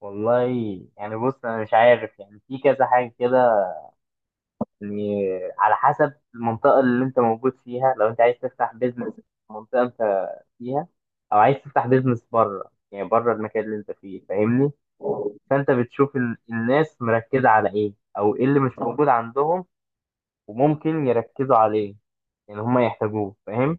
والله. يعني بص، انا مش عارف، يعني في كذا حاجه كده. يعني على حسب المنطقه اللي انت موجود فيها. لو انت عايز تفتح بيزنس في المنطقه انت فيها، او عايز تفتح بيزنس بره، يعني بره المكان اللي انت فيه، فاهمني؟ فانت بتشوف الناس مركزه على ايه، او ايه اللي مش موجود عندهم وممكن يركزوا عليه، يعني هم يحتاجوه، فاهم؟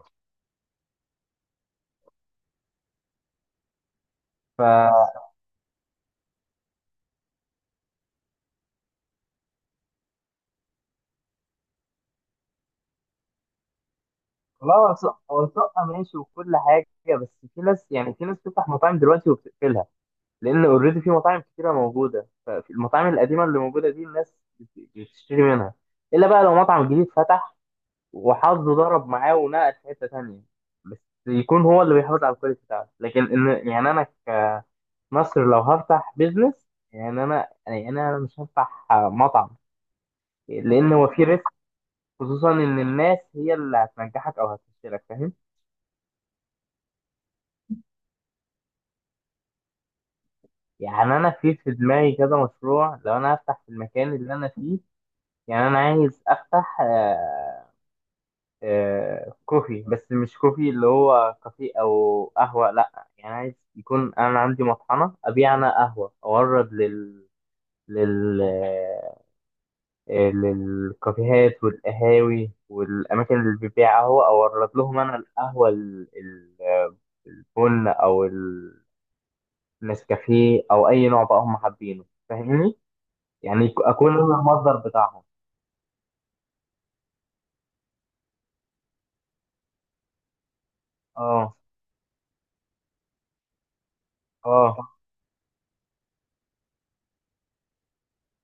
فخلاص، هو شقه ماشي وكل حاجه، بس في ناس، يعني في ناس بتفتح مطاعم دلوقتي وبتقفلها، لان اوريدي في مطاعم كتيره موجوده. فالمطاعم القديمه اللي موجوده دي الناس بتشتري منها. الا بقى لو مطعم جديد فتح وحظه ضرب معاه ونقل في حته تانيه، بس يكون هو اللي بيحافظ على الكواليتي بتاعته. لكن ان، يعني انا كمصر لو هفتح بيزنس، يعني انا، يعني انا مش هفتح مطعم، لان هو في ريسك، خصوصا ان الناس هي اللي هتنجحك او هتفشلك، فاهم؟ يعني انا في دماغي كذا مشروع لو انا هفتح في المكان اللي انا فيه. يعني انا عايز افتح كوفي، بس مش كوفي اللي هو كافيه او قهوه، لا، يعني عايز يكون انا عندي مطحنه ابيع انا قهوه اورد لل لل آه، للكافيهات والقهاوي والاماكن اللي بتبيع قهوه، اورد لهم انا القهوه البن او النسكافيه او اي نوع بقى هم حابينه، فاهمني؟ يعني اكون انا المصدر بتاعهم. اه. اه،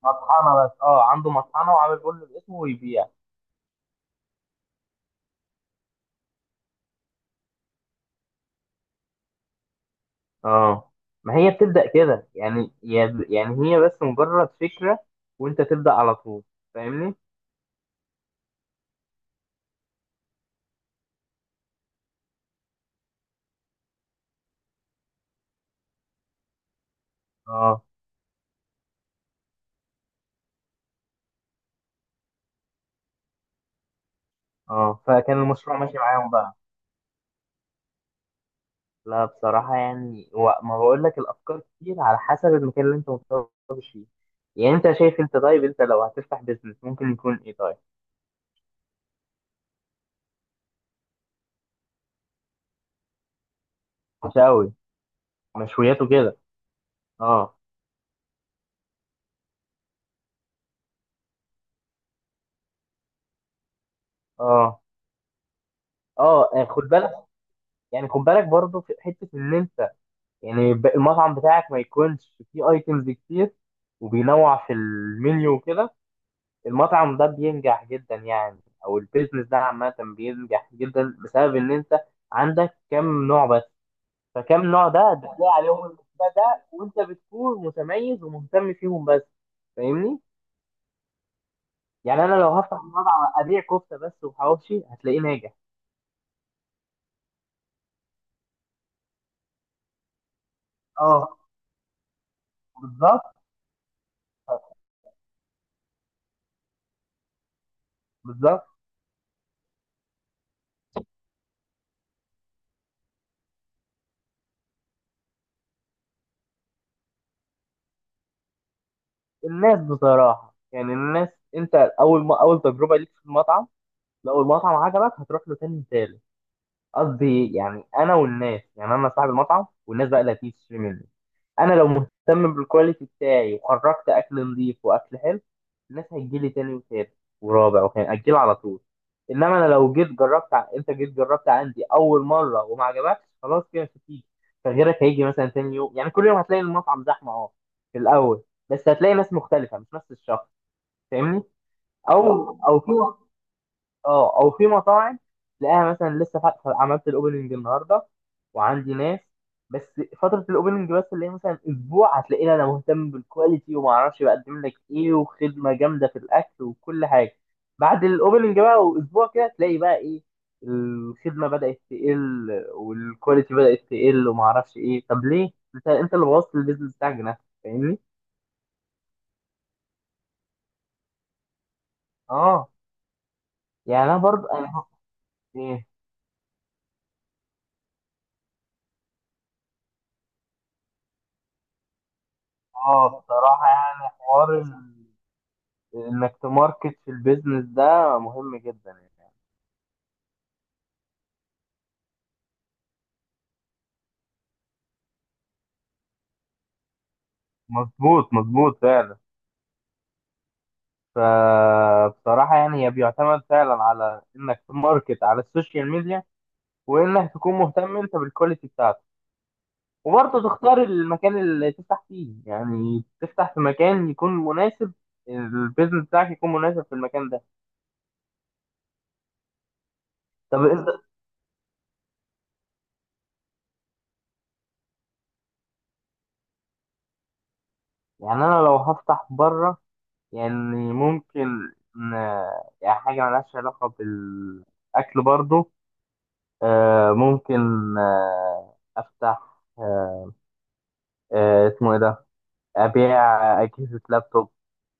مطحنه. بس اه، عنده مطحنه وعامل بن باسمه ويبيع. اه. ما هي بتبدأ كده، يعني يعني هي بس مجرد فكرة وانت تبدأ على طول، فاهمني؟ اه. اه، فكان المشروع ماشي معاهم بقى. لا بصراحة، يعني ما بقول لك، الافكار كتير على حسب المكان اللي انت متخصص فيه. يعني انت شايف، انت طيب، انت لو هتفتح بيزنس ممكن يكون ايه؟ طيب، مشاوي؟ مشويات وكده؟ اه. اه. اه. خد بالك، يعني خد بالك برضه في حتة ان انت، يعني المطعم بتاعك ما يكونش فيه ايتمز كتير وبينوع في المنيو وكده. المطعم ده بينجح جدا، يعني او البيزنس ده عامة بينجح جدا بسبب ان انت عندك كم نوع بس. فكم نوع ده بتلاقي عليهم المنتجات ده، وانت بتكون متميز ومهتم فيهم بس، فاهمني؟ يعني انا لو هفتح مطعم ابيع كفتة بس وحواوشي هتلاقيه ناجح. اه، بالظبط. بالظبط. الناس بصراحة، يعني الناس، انت اول ما اول تجربة ليك في المطعم، لو المطعم عجبك هتروح له تاني، تالت. قصدي يعني انا والناس، يعني انا صاحب المطعم والناس بقى اللي هتيجي تشتري مني. انا لو مهتم بالكواليتي بتاعي وخرجت اكل نظيف واكل حلو، الناس هتجي لي تاني وتالت ورابع وخامس، هتجي لي على طول. انما انا لو جيت جربت انت جيت جربت عندي اول مره وما عجبكش، خلاص كده مش هتيجي. فغيرك هيجي مثلا تاني يوم. يعني كل يوم هتلاقي المطعم زحمه اه، في الاول، بس هتلاقي ناس مختلفه مش نفس الشخص، فاهمني؟ او، او في، اه او في مطاعم تلاقيها مثلا لسه فاتحه، عملت الاوبننج النهارده وعندي ناس، بس فتره الاوبننج بس اللي هي مثلا اسبوع هتلاقيني انا مهتم بالكواليتي وما اعرفش بقدم لك ايه وخدمه جامده في الاكل وكل حاجه. بعد الاوبننج بقى واسبوع كده، تلاقي بقى ايه، الخدمه بدات تقل والكواليتي بدات تقل وما اعرفش ايه. طب ليه؟ انت، انت اللي بوظت البيزنس بتاعك بنفسك، فاهمني؟ اه. يعني انا برضه انا، ايه، اه بصراحه يعني حوار انك تماركت في البيزنس ده مهم جدا. يعني مظبوط، مظبوط فعلا. فبصراحة يعني هي بيعتمد فعلا على انك تماركت على السوشيال ميديا، وانك تكون مهتم انت بالكواليتي بتاعتك، وبرضه تختار المكان اللي تفتح فيه، يعني تفتح في مكان يكون مناسب، البيزنس بتاعك يكون مناسب في المكان ده. طب انت، يعني انا لو هفتح بره، يعني ممكن إن- يعني حاجة ملهاش علاقة بال اكل برضه. ممكن أفتح اسمه إيه ده، أبيع أجهزة لابتوب،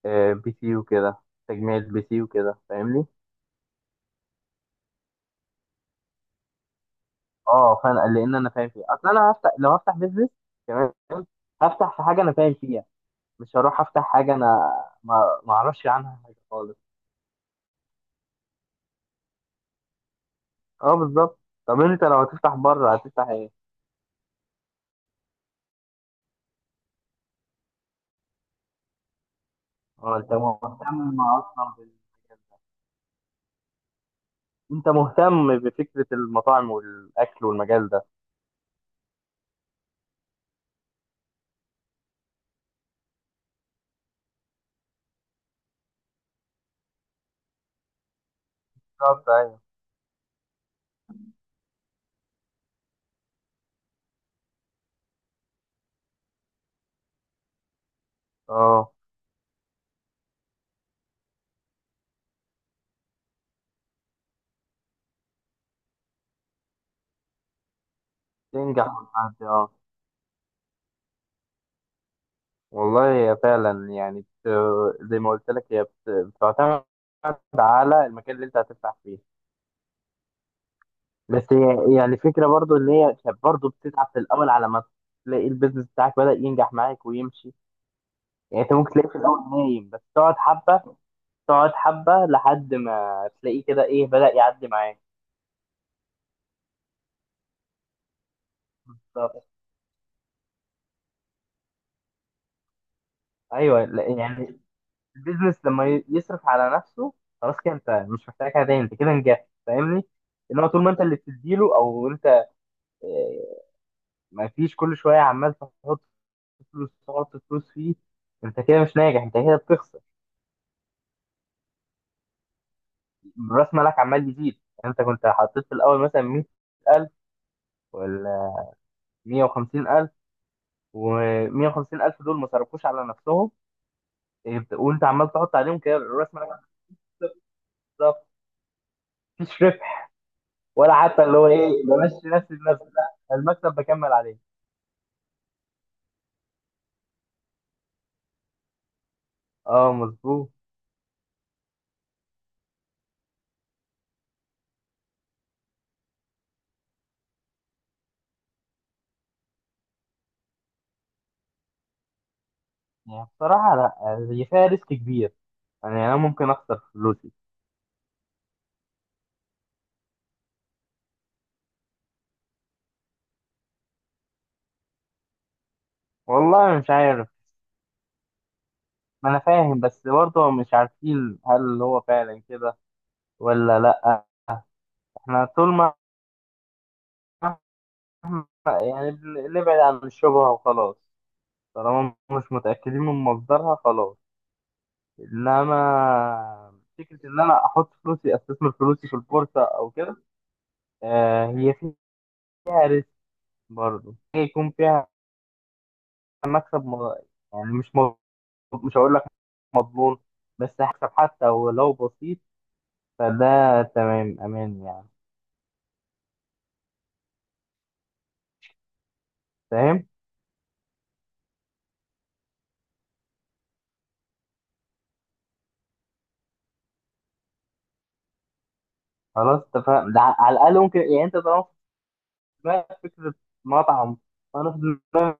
بي سي وكده، تجميع البي سي وكده، فاهمني؟ أه، فأنا لأن أنا فاهم فيه. أصل أنا هفتح، لو هفتح بيزنس، تمام، هفتح في حاجة أنا فاهم فيها، مش هروح أفتح حاجة أنا ما أعرفش عنها حاجة خالص. أه، بالظبط. طب أنت لو هتفتح بره هتفتح إيه؟ أه، أنت مهتم أصلا أنت مهتم بفكرة المطاعم والأكل والمجال ده. بالظبط أيوه. أه، تنجح وتعدي، اه. والله هي فعلا يعني زي ما قلت لك هي بتعتمد على المكان اللي انت هتفتح فيه. بس هي يعني فكرة برضو ان هي كانت برضو بتتعب في الاول، على ما تلاقي البيزنس بتاعك بدأ ينجح معاك ويمشي. يعني انت ممكن تلاقيه في الاول نايم، بس تقعد حبة، تقعد حبة لحد ما تلاقيه كده ايه، بدأ يعدي معاك. بالظبط. ايوه لا، يعني البيزنس لما يصرف على نفسه خلاص كده انت مش محتاج حاجه تاني، انت كده نجحت، فاهمني؟ انما طول ما انت اللي بتديله، او انت، آه، ما فيش، كل شويه عمال تحط فلوس، تحط فلوس فيه، انت كده مش ناجح، انت كده بتخسر. راس مالك عمال يزيد، يعني انت كنت حطيت في الاول مثلا 100,000 ولا 150,000، و150000 دول ما صرفوش على نفسهم. وانت عمال تحط عليهم كده راس مالك. بالظبط. مفيش ربح، ولا حتى اللي هو ايه، بمشي نفسي بنفسي، لا، المكسب بكمل عليه. اه، مظبوط. يعني بصراحة لا، هي فيها ريسك كبير، يعني انا ممكن اخسر فلوسي. والله مش عارف، ما انا فاهم، بس برضه مش عارفين هل هو فعلا كده ولا لا. احنا طول ما، يعني نبعد عن الشبهة وخلاص. طالما مش متأكدين من مصدرها خلاص. انما فكرة ان انا احط فلوسي، استثمر فلوسي في البورصة او كده، آه، هي فيها ريسك برضه. هي يكون فيها مكسب يعني مش، مش هقول لك مضمون، بس هكسب حتى ولو بسيط، فده تمام، امان يعني. فاهم. خلاص اتفقنا. ده على الاقل ممكن، يعني انت طالما في دماغك فكره مطعم، وانا في دماغي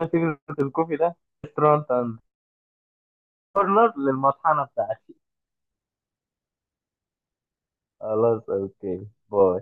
فكره الكوفي ده، ريستورانت اند كورنر للمطحنه بتاعتي. خلاص، اوكي، باي.